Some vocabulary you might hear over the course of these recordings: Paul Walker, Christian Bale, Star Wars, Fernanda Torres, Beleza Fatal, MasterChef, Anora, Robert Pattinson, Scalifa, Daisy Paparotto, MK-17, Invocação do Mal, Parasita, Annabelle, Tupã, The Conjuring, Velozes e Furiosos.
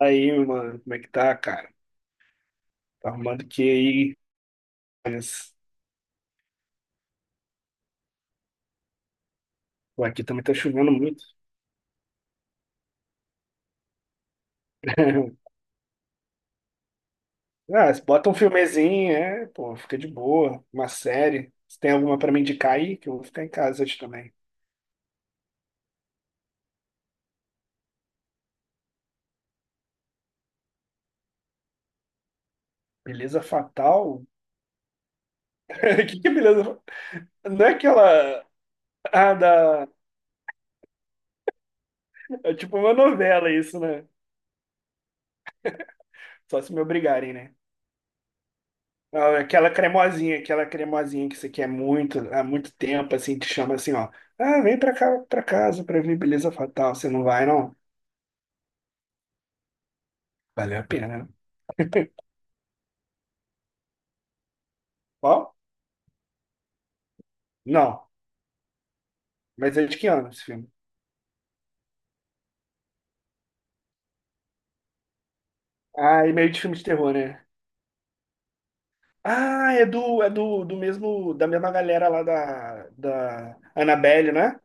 Aí, mano, como é que tá, cara? Tá arrumando que aí? Mas, pô, aqui também tá chovendo muito. Ah, se bota um filmezinho, é, pô, fica de boa. Uma série. Se tem alguma pra me indicar aí, que eu vou ficar em casa hoje também. Beleza Fatal? O que que é Beleza Fatal? Não é aquela... Ah, da... É tipo uma novela isso, né? Só se me obrigarem, né? Não, é aquela cremosinha, aquela cremosinha que você quer muito, há muito tempo, assim, te chama assim, ó. Ah, vem pra cá, pra casa pra ver Beleza Fatal. Você não vai, não? Valeu a pena, né? Ó, não. Mas é de que ano esse filme? Ah, é meio de filme de terror, né? Ah, da mesma galera lá da Annabelle, né?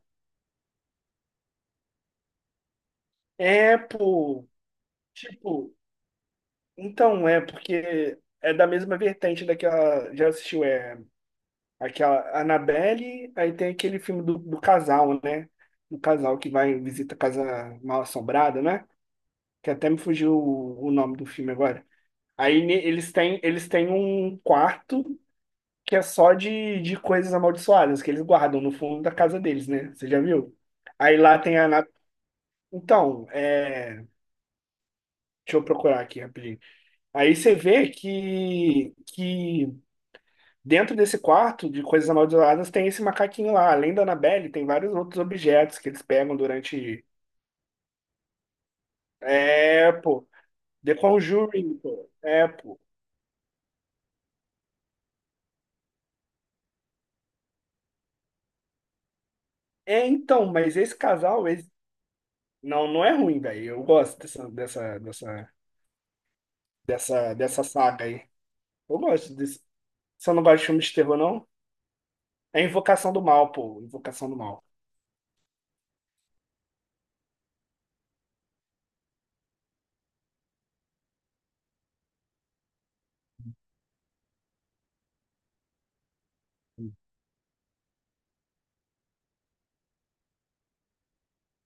É, pô. Tipo, então é, porque é da mesma vertente daquela. Já assistiu, é. Aquela Annabelle, aí tem aquele filme do casal, né? Do casal que vai visita a casa mal-assombrada, né? Que até me fugiu o nome do filme agora. Aí eles têm um quarto que é só de coisas amaldiçoadas que eles guardam no fundo da casa deles, né? Você já viu? Aí lá tem a Ana... Então, é... deixa eu procurar aqui rapidinho. Aí você vê que dentro desse quarto de coisas amaldiçoadas tem esse macaquinho lá. Além da Annabelle, tem vários outros objetos que eles pegam durante. É, pô. The Conjuring, pô. É, pô. É, então, mas esse casal, esse... não, não é ruim, velho. Eu gosto dessa saga aí. Eu gosto desse. Você não gosta de filme de terror, não? É Invocação do Mal, pô. Invocação do Mal.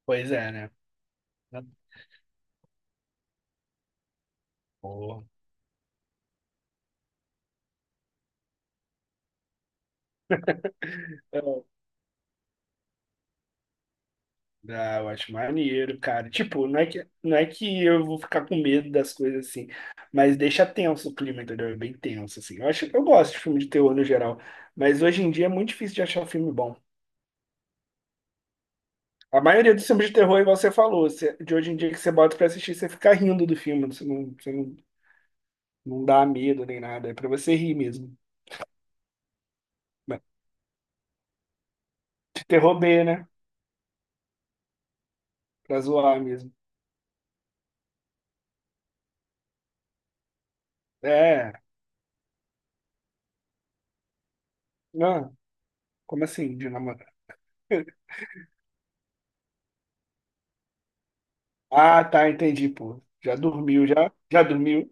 Pois é, né? Porra. Ah, eu acho maneiro, cara. Tipo, não é que eu vou ficar com medo das coisas assim, mas deixa tenso o clima, entendeu? É bem tenso, assim. Eu acho, eu gosto de filme de terror no geral, mas hoje em dia é muito difícil de achar um filme bom. A maioria dos filmes de terror, igual você falou, de hoje em dia que você bota pra assistir, você fica rindo do filme, você não, não dá medo nem nada, é pra você rir mesmo. Mas de terror B, né? Pra zoar mesmo. É, não, como assim, de namorado? Ah, tá, entendi, pô. Já dormiu, já? Já dormiu?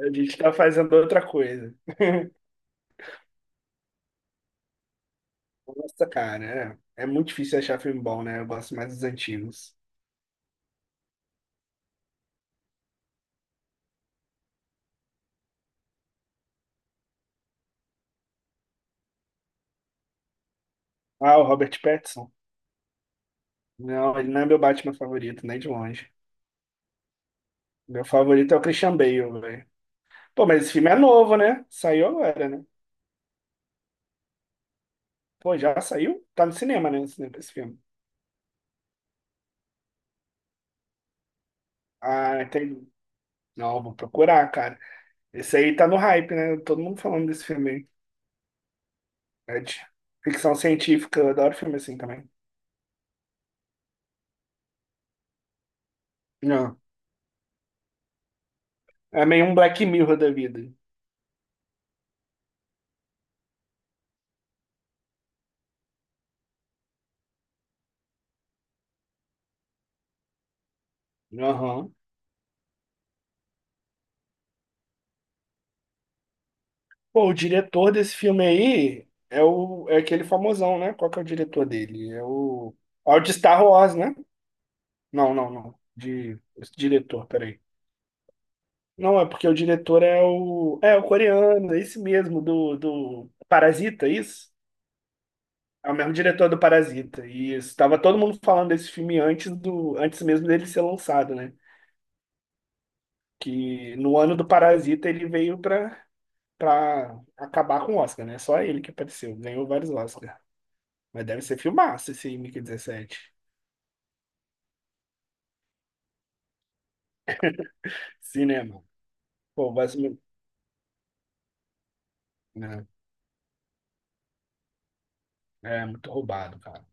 A gente tá fazendo outra coisa. Nossa, cara, é muito difícil achar filme bom, né? Eu gosto mais dos antigos. Ah, o Robert Pattinson? Não, ele não é meu Batman favorito, nem de longe. Meu favorito é o Christian Bale, velho. Pô, mas esse filme é novo, né? Saiu agora, né? Pô, já saiu? Tá no cinema, né? No cinema, esse filme. Ah, entendi. Não, vou procurar, cara. Esse aí tá no hype, né? Todo mundo falando desse filme aí. É de ficção científica, eu adoro filme assim também. Não. É meio um Black Mirror da vida. Aham. Pô, o diretor desse filme aí é o é aquele famosão, né? Qual que é o diretor dele? É o de Star Wars, né? Não, não, não. De esse diretor, peraí. Não, é porque o diretor é o coreano, é esse mesmo do Parasita, é isso? É o mesmo diretor do Parasita. E estava todo mundo falando desse filme antes mesmo dele ser lançado, né? Que no ano do Parasita ele veio pra para acabar com o Oscar, né? Só ele que apareceu, ganhou vários Oscars. Mas deve ser filmaço esse MK-17. Cinema. Pô, mas né, é muito roubado, cara.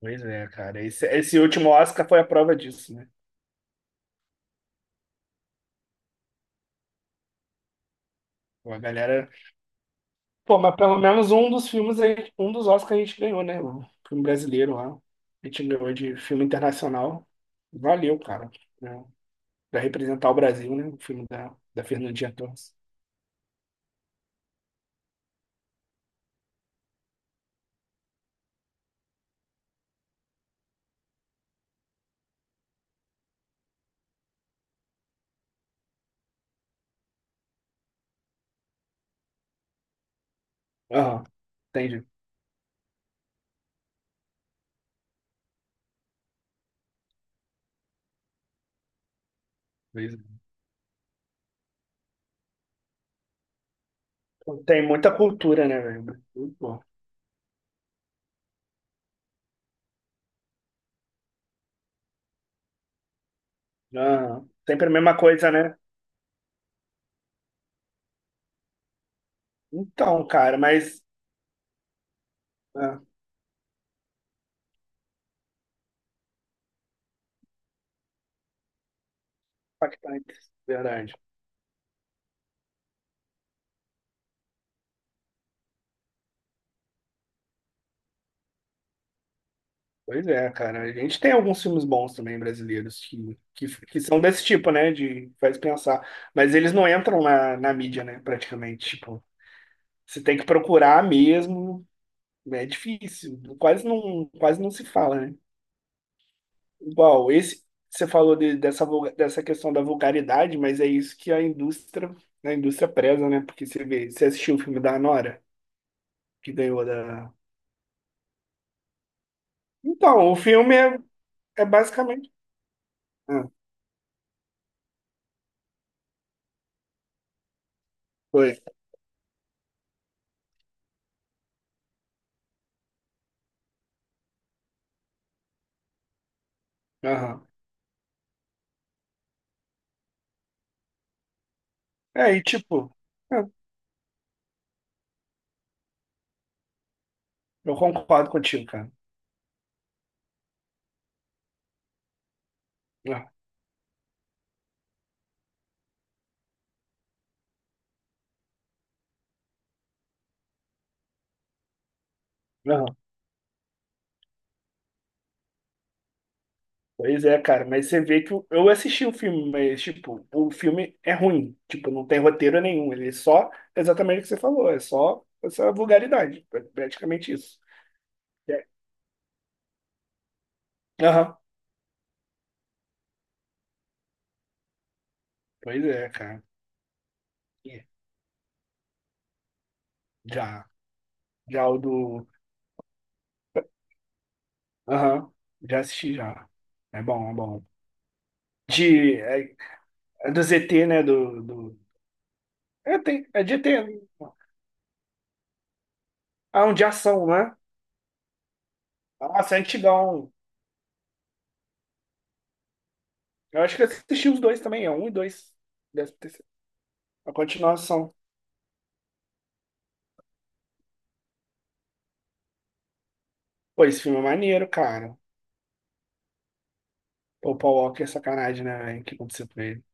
Pois é, cara. Esse último Oscar foi a prova disso, né? Pô, a galera. Pô, mas pelo menos um dos filmes, um dos Oscars a gente ganhou, né? O filme brasileiro lá. A gente ganhou de filme internacional. Valeu, cara. Né? Pra representar o Brasil, né? O filme da Fernandinha Torres. Aham, entendi. Pois é. Tem muita cultura, né, velho? Pô. Aham. Sempre a mesma coisa, né? Então, cara, mas. Ah, impactante, verdade. Pois é, cara. A gente tem alguns filmes bons também brasileiros que são desse tipo, né? De faz pensar. Mas eles não entram na mídia, né? Praticamente. Tipo, você tem que procurar mesmo. Né? É difícil. Quase não se fala, né? Igual, esse. Você falou dessa questão da vulgaridade, mas é isso que a indústria, preza, né? Porque você vê, você assistiu o filme da Anora, que ganhou da. Então, o filme é. É basicamente. Ah, foi. Aham. É, e tipo, ah, eu concordo contigo, cara. Ah, aham. Pois é, cara, mas você vê que eu assisti o filme, mas, tipo, o filme é ruim. Tipo, não tem roteiro nenhum. Ele é só exatamente o que você falou. É só essa vulgaridade. É praticamente isso. É. Aham. Pois é, cara. É. Já. Já o do. Aham. Já assisti já. É bom, é bom. De. É do ZT, né? Do... É, tem, é de ET. Né? Ah, um de ação, né? Nossa, é antigão. Eu acho que eu assisti os dois também, é um e dois. Deve ter sido a continuação. Pô, esse filme é maneiro, cara. Pô, o Paul Walker é sacanagem, né, velho? O que aconteceu com ele?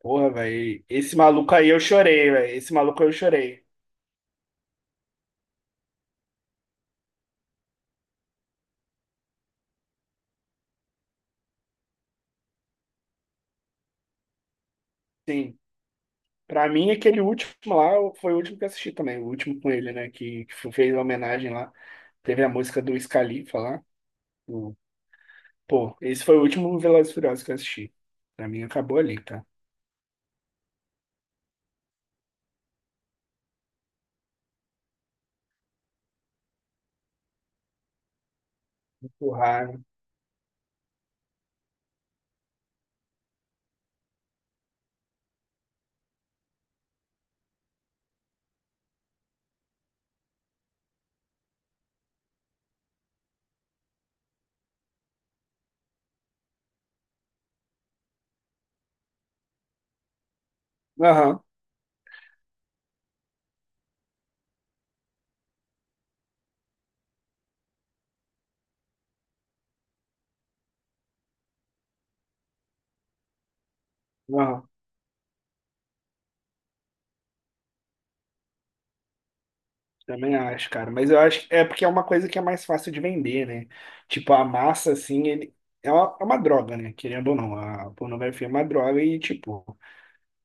Porra, velho. Esse maluco aí eu chorei, velho. Esse maluco eu chorei. Sim. Pra mim, aquele último lá foi o último que eu assisti também. O último com ele, né? Que fez a homenagem lá. Teve a música do Scalifa lá. O- Pô, esse foi o último Velozes e Furiosos que eu assisti. Pra mim, acabou ali, tá? Porra. Aham. Aham. Também acho, cara. Mas eu acho que é porque é uma coisa que é mais fácil de vender, né? Tipo, a massa, assim, ele é uma droga, né? Querendo ou não, a pornografia é uma droga e, tipo,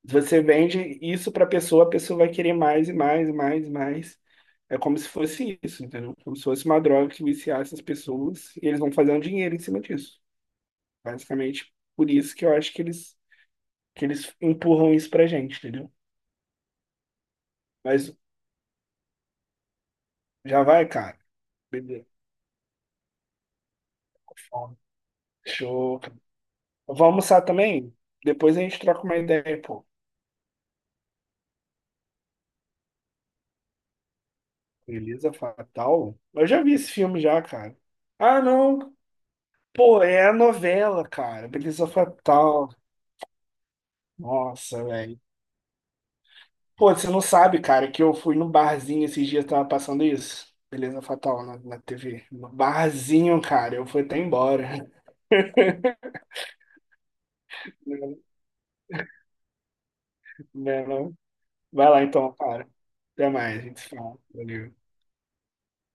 se você vende isso pra pessoa, a pessoa vai querer mais e mais e mais e mais. É como se fosse isso, entendeu? Como se fosse uma droga que viciasse as pessoas e eles vão fazer um dinheiro em cima disso. Basicamente, por isso que eu acho que eles empurram isso pra gente, entendeu? Mas já vai, cara. Beleza, com fome. Show. Vamos Vou almoçar também? Depois a gente troca uma ideia, pô. Beleza Fatal? Eu já vi esse filme já, cara. Ah, não. Pô, é a novela, cara. Beleza Fatal. Nossa, velho. Pô, você não sabe, cara, que eu fui no barzinho esses dias, tava passando isso. Beleza Fatal na TV. No barzinho, cara. Eu fui até embora. Né, não? Vai lá então, cara. Até mais, a gente se fala. Valeu.